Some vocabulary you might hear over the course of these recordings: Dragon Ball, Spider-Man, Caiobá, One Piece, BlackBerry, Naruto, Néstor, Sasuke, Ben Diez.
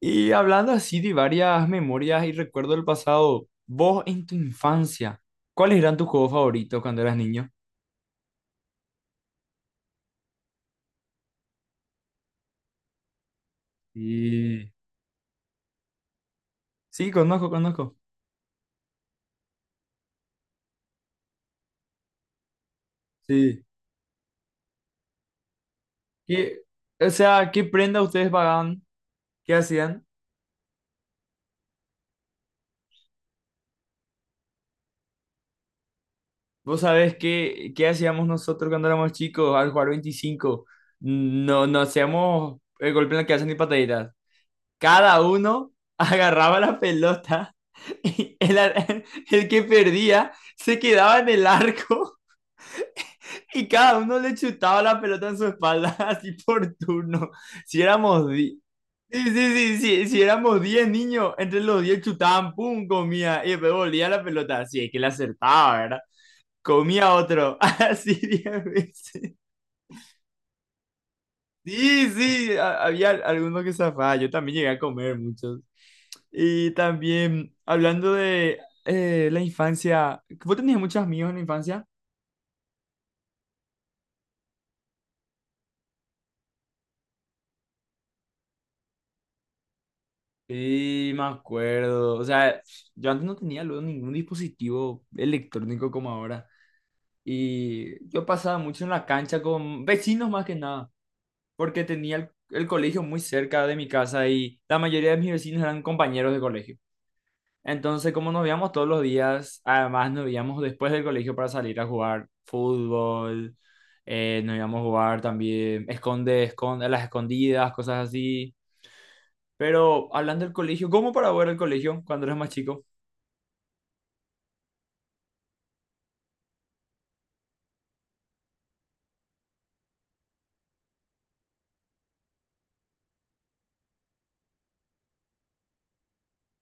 Y hablando así de varias memorias y recuerdos del pasado, vos en tu infancia, ¿cuáles eran tus juegos favoritos cuando eras niño? Sí, sí, conozco, conozco. Sí, ¿Qué- o sea, ¿qué prenda ustedes pagaban? ¿Qué hacían? Vos sabés qué hacíamos nosotros cuando éramos chicos al jugar 25. No, no hacíamos el golpe en la cabeza ni pataditas. Cada uno agarraba la pelota y el que perdía se quedaba en el arco. Y cada uno le chutaba la pelota en su espalda, así por turno. Si éramos 10. Sí, sí, sí, sí, si éramos 10 niños, entre los 10 chutaban, pum, comía, y después volvía la pelota, así es que le acertaba, ¿verdad? Comía otro, así 10 veces. Sí, sí, había algunos que zafaba, yo también llegué a comer muchos. Y también, hablando de la infancia, ¿vos tenías muchos amigos en la infancia? Sí, me acuerdo. O sea, yo antes no tenía luego ningún dispositivo electrónico como ahora. Y yo pasaba mucho en la cancha con vecinos más que nada, porque tenía el colegio muy cerca de mi casa y la mayoría de mis vecinos eran compañeros de colegio. Entonces, como nos veíamos todos los días, además nos veíamos después del colegio para salir a jugar fútbol, nos íbamos a jugar también esconde, esconde, a las escondidas, cosas así. Pero hablando del colegio, ¿cómo para ver el colegio cuando eras más chico?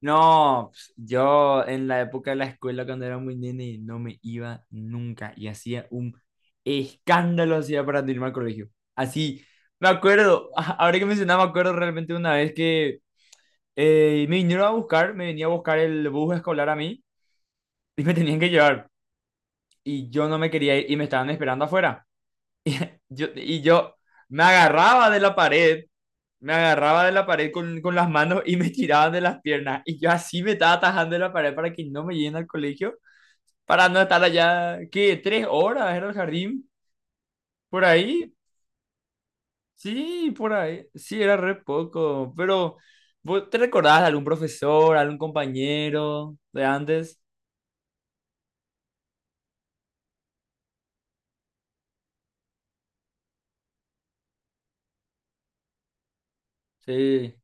No, pues, yo en la época de la escuela cuando era muy nene no me iba nunca y hacía un escándalo hacía para no irme al colegio. Así, me acuerdo, ahora que mencionaba, me acuerdo realmente una vez que me vinieron a buscar, me venía a buscar el bus escolar a mí y me tenían que llevar y yo no me quería ir y me estaban esperando afuera. Y yo me agarraba de la pared me agarraba de la pared con las manos y me tiraban de las piernas. Y yo así me estaba atajando de la pared para que no me lleguen al colegio, para no estar allá, ¿qué? ¿Tres horas era el jardín? ¿Por ahí? Sí, por ahí. Sí, era re poco. Pero, ¿vos ¿te recordás de algún profesor, algún compañero de antes? Sí,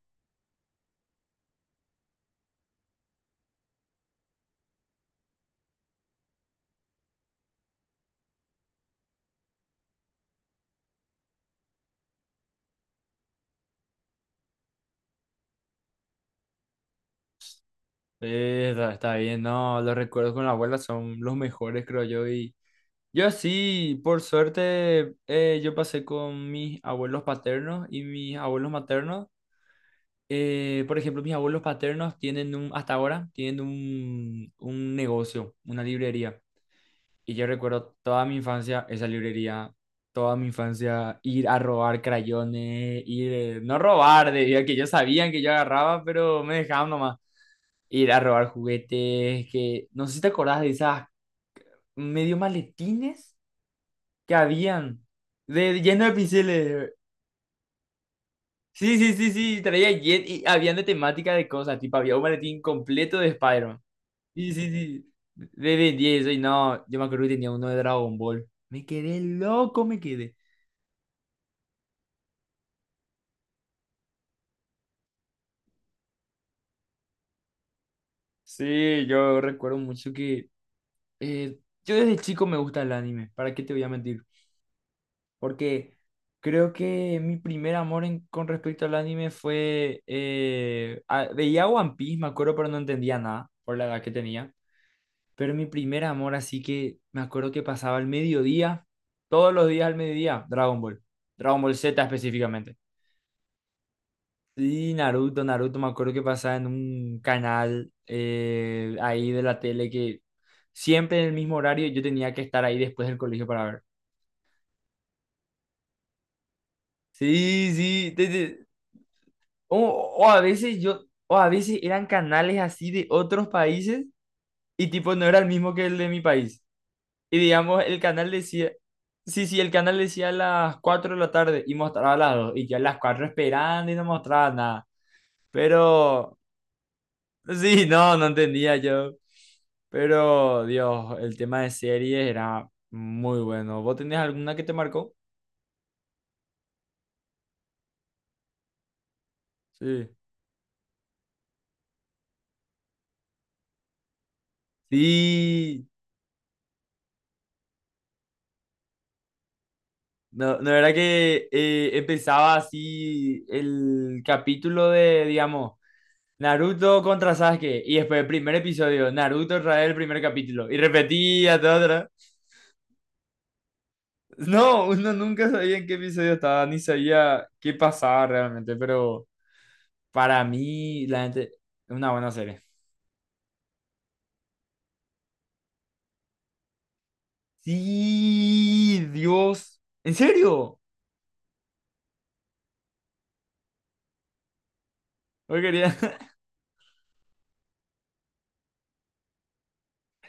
sí, está bien. No, los recuerdos con la abuela son los mejores, creo yo. Y yo sí, por suerte, yo pasé con mis abuelos paternos y mis abuelos maternos. Por ejemplo, mis abuelos paternos tienen un, hasta ahora, tienen un negocio, una librería. Y yo recuerdo toda mi infancia esa librería, toda mi infancia ir a robar crayones, no robar, debido a que ellos sabían que yo agarraba, pero me dejaban nomás. Ir a robar juguetes, que no sé si te acordás de esas medio maletines que habían. De, lleno de pinceles. Sí, sí, sí, sí. Traía Jet y habían de temática de cosas. Tipo, había un maletín completo de Spider-Man. Sí, sí, sí. De Ben diez. Y no, yo me acuerdo que tenía uno de Dragon Ball. Me quedé loco, me quedé. Sí, yo recuerdo mucho que, eh, yo desde chico me gusta el anime. ¿Para qué te voy a mentir? Porque creo que mi primer amor con respecto al anime fue. Veía One Piece, me acuerdo, pero no entendía nada por la edad que tenía. Pero mi primer amor, así que me acuerdo que pasaba al mediodía, todos los días al mediodía, Dragon Ball, Dragon Ball Z específicamente. Y Naruto, Naruto, me acuerdo que pasaba en un canal ahí de la tele que siempre en el mismo horario yo tenía que estar ahí después del colegio para ver. Sí, sí, o, o a veces eran canales así de otros países y tipo no era el mismo que el de mi país. Y digamos, sí, sí, el canal decía a las 4 de la tarde y mostraba a las dos. Y yo a las 4 esperando y no mostraba nada. Pero, sí, no, no entendía yo. Pero, Dios, el tema de series era muy bueno. ¿Vos tenés alguna que te marcó? Sí. Sí. No, no era que empezaba así el capítulo de, digamos, Naruto contra Sasuke. Y después el primer episodio, Naruto otra vez el primer capítulo. Y repetía todo otra vez. No, uno nunca sabía en qué episodio estaba, ni sabía qué pasaba realmente. Pero para mí, la gente, es una buena serie. Sí, Dios. ¿En serio? No quería.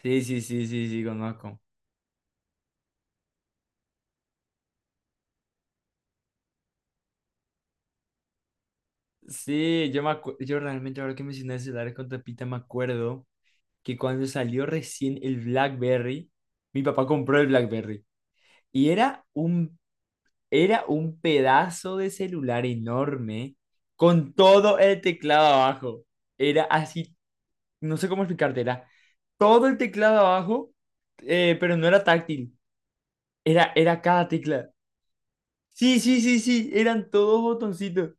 Sí, sí, sí, sí, sí, conozco. Sí, yo yo realmente ahora que mencioné celulares con tapita me acuerdo que cuando salió recién el BlackBerry, mi papá compró el BlackBerry. Y era un pedazo de celular enorme con todo el teclado abajo. Era así, no sé cómo explicarte, era todo el teclado abajo, pero no era táctil, era, cada tecla. Sí, sí, sí, sí, eran todos botoncitos.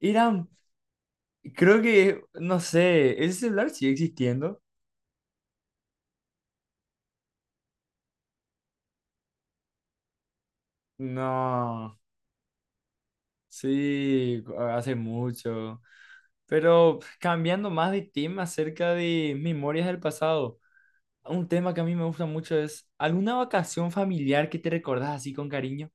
Eran, Creo que, no sé, ese celular sigue existiendo. No, sí, hace mucho. Pero cambiando más de tema acerca de memorias del pasado. Un tema que a mí me gusta mucho es alguna vacación familiar que te recordás así con cariño.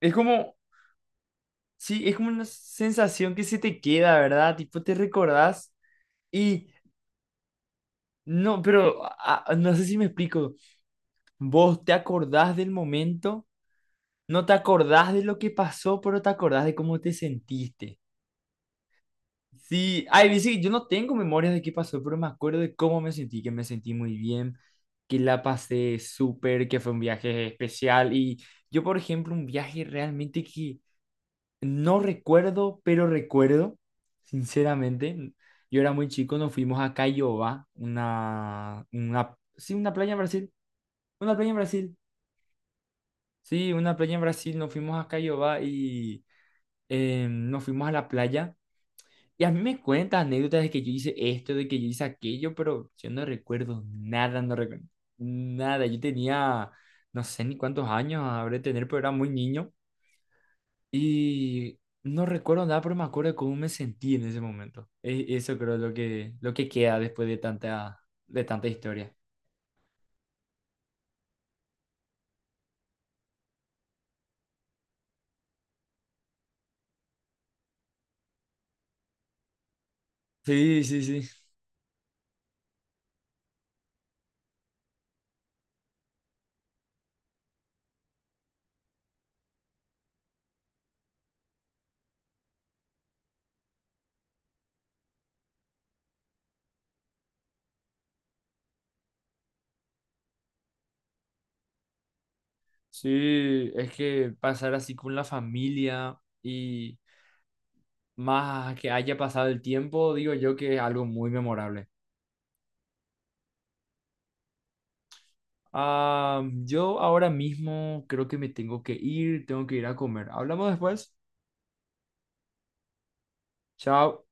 Es como, sí, es como una sensación que se te queda, ¿verdad? Tipo, te recordás y no, pero no sé si me explico. Vos te acordás del momento, no te acordás de lo que pasó, pero te acordás de cómo te sentiste. Sí, ay, dice que yo no tengo memorias de qué pasó, pero me acuerdo de cómo me sentí, que me sentí muy bien, que la pasé súper, que fue un viaje especial. Y yo, por ejemplo, un viaje realmente que no recuerdo, pero recuerdo, sinceramente. Yo era muy chico, nos fuimos a Caiobá, sí, una playa en Brasil, una playa en Brasil, sí, una playa en Brasil, nos fuimos a Caiobá y nos fuimos a la playa. Y a mí me cuentan anécdotas de que yo hice esto, de que yo hice aquello, pero yo no recuerdo nada, no recuerdo nada. Yo tenía, no sé ni cuántos años habré de tener, pero era muy niño. Y no recuerdo nada, pero me acuerdo de cómo me sentí en ese momento. Eso creo es lo que, queda después de tanta historia. Sí, sí, sí. Sí, es que pasar así con la familia y más que haya pasado el tiempo, digo yo que es algo muy memorable. Ah, yo ahora mismo creo que me tengo que ir a comer. Hablamos después. Chao.